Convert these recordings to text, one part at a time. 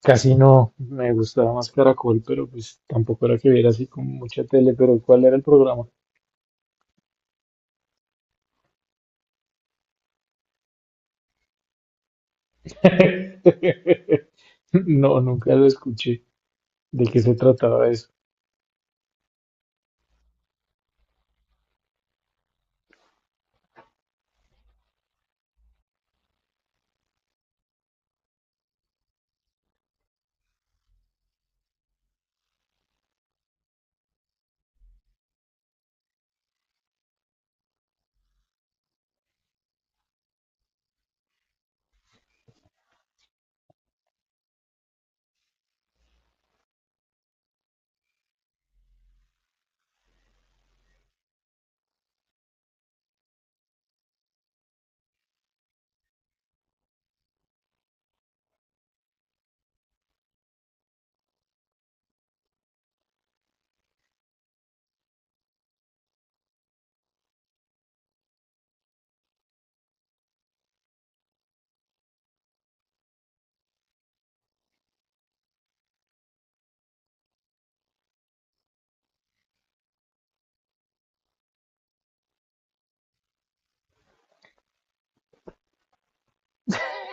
Casi no, me gustaba más Caracol, pero pues tampoco era que viera así como mucha tele, pero ¿cuál era el programa? No, nunca lo escuché. ¿De qué se trataba eso?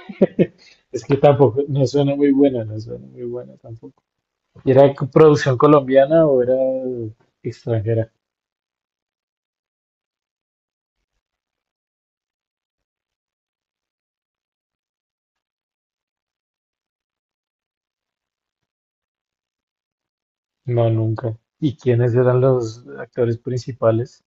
Es que tampoco, no suena muy buena, no suena muy buena tampoco. ¿Era co- producción colombiana o era extranjera? No, nunca. ¿Y quiénes eran los actores principales?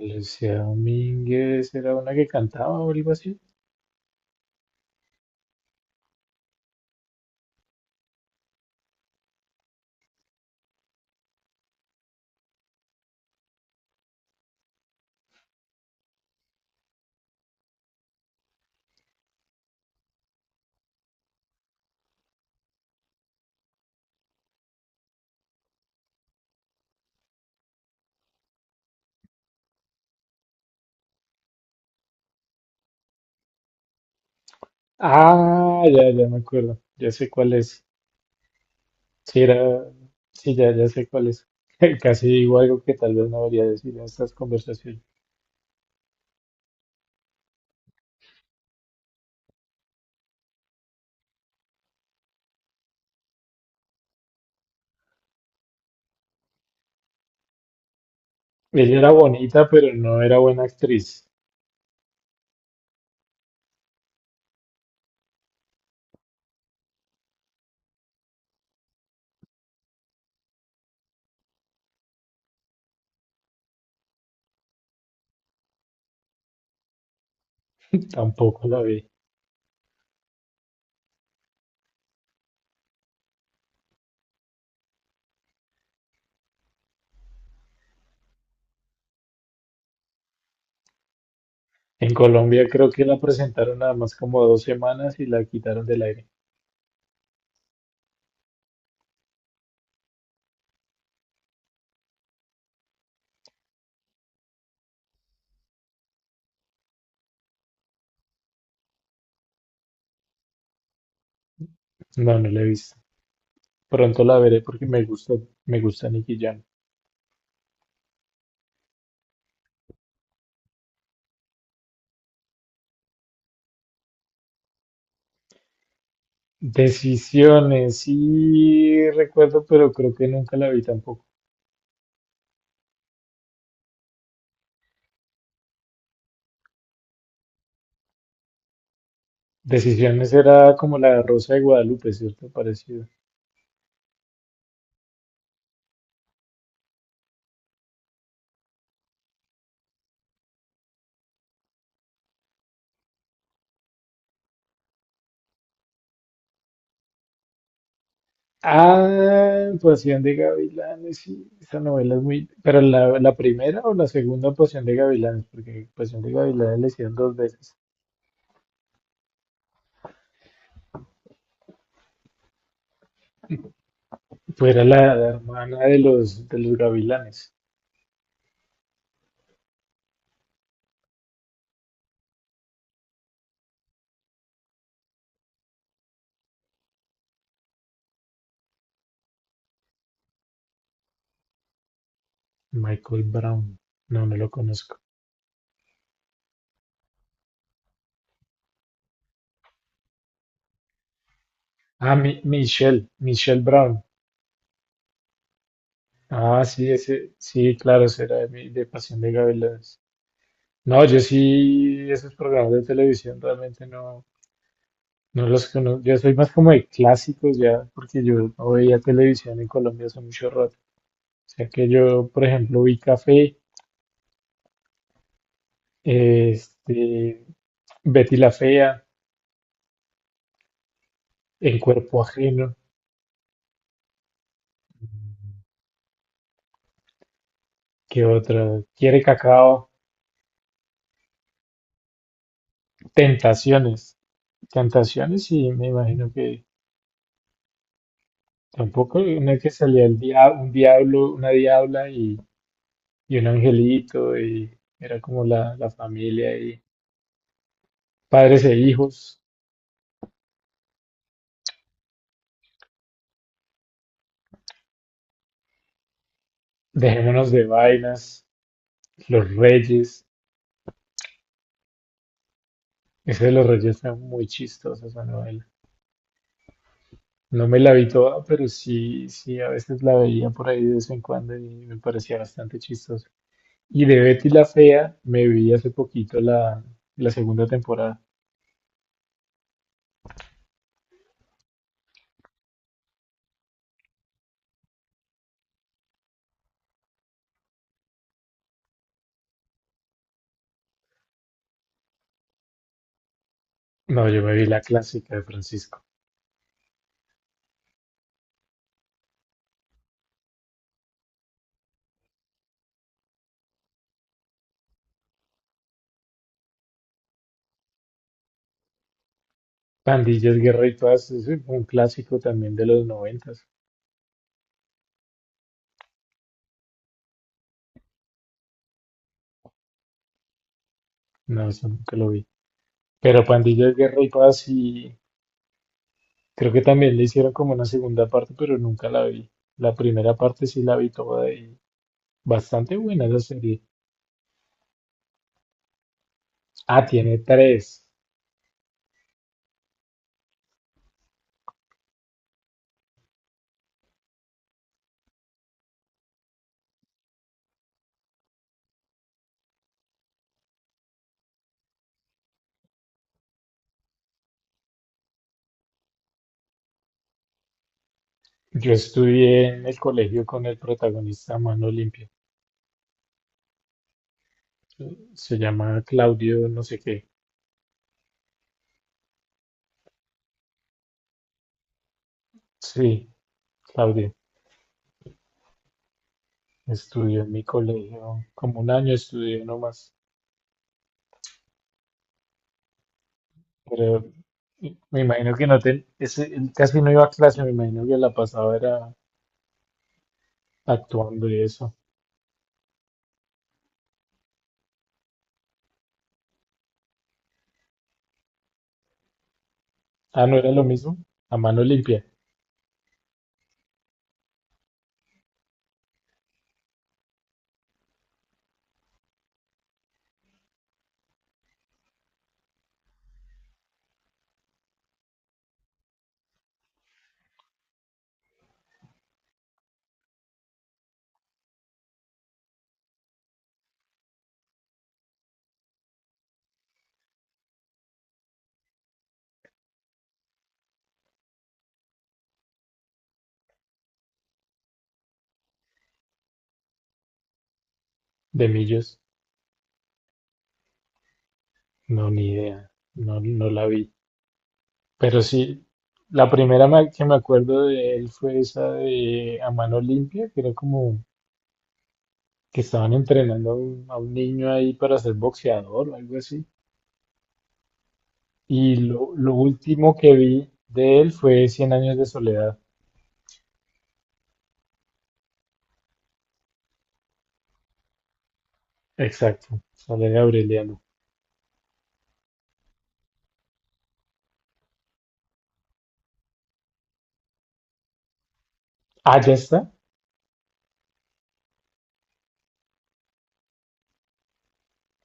Lucía Domínguez era una que cantaba o algo así. Ah, ya, ya me acuerdo. Ya sé cuál es. Sí, era, sí, ya, ya sé cuál es. Casi digo algo que tal vez no debería decir en estas conversaciones. Ella era bonita, pero no era buena actriz. Tampoco la vi. En Colombia creo que la presentaron nada más como 2 semanas y la quitaron del aire. No, no la he visto. Pronto la veré porque me gusta Nicky Jam. Decisiones, sí recuerdo, pero creo que nunca la vi tampoco. Decisiones era como la Rosa de Guadalupe, ¿cierto? Parecido. Ah, Pasión de Gavilanes, sí, esa novela es muy... ¿Pero la primera o la segunda Pasión de Gavilanes? Porque Pasión de Gavilanes le hicieron dos veces. Pues era la hermana de los Gavilanes. Michael Brown. No, no lo conozco. Ah, Michelle Brown. Ah, sí, ese, sí, claro, será de Pasión de Gavilanes. No, yo sí, esos programas de televisión realmente no, no los conozco. Yo soy más como de clásicos ya, porque yo no veía televisión en Colombia hace mucho rato. O sea que yo, por ejemplo, vi Café, este, Betty la Fea, En Cuerpo Ajeno, ¿qué otra? Quiere Cacao, Tentaciones. Tentaciones, y me imagino que tampoco una que salía un diablo, una diabla y un angelito, y era como la familia y padres e hijos, Dejémonos de vainas, Los Reyes. Ese de los Reyes está muy chistosa esa novela. No me la vi toda, pero sí, sí, a veces la veía por ahí de vez en cuando y me parecía bastante chistosa. Y de Betty la Fea me vi hace poquito la segunda temporada. No, yo me vi la clásica de Francisco. Pandillas, Guerra y Paz es un clásico también de los noventas. No, eso nunca lo vi. Pero Pandillas, Guerra y Paz sí, creo que también le hicieron como una segunda parte, pero nunca la vi. La primera parte sí la vi toda y bastante buena esa serie. Ah, tiene tres. Yo estudié en el colegio con el protagonista a Mano Limpia. Se llama Claudio, no sé qué. Sí, Claudio. Estudió en mi colegio como 1 año, estudió nomás. Pero me imagino que no te, ese, él casi no iba a clase, me imagino que la pasaba era actuando y eso. Ah, no era lo mismo. A mano limpia, de millos. No, ni idea. No, no la vi. Pero sí, la primera que me acuerdo de él fue esa de A Mano Limpia, que era como que estaban entrenando a un, niño ahí para ser boxeador o algo así. Y lo último que vi de él fue Cien años de soledad. Exacto, Soledad Aureliano. Ah, ya está.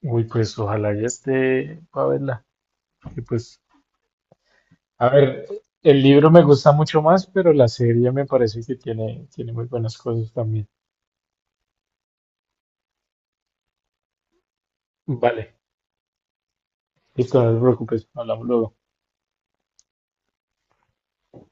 Uy, pues ojalá ya esté para verla. Porque, pues, a ver, el libro me gusta mucho más, pero la serie me parece que tiene muy buenas cosas también. Vale, listo, no te preocupes, hablamos luego.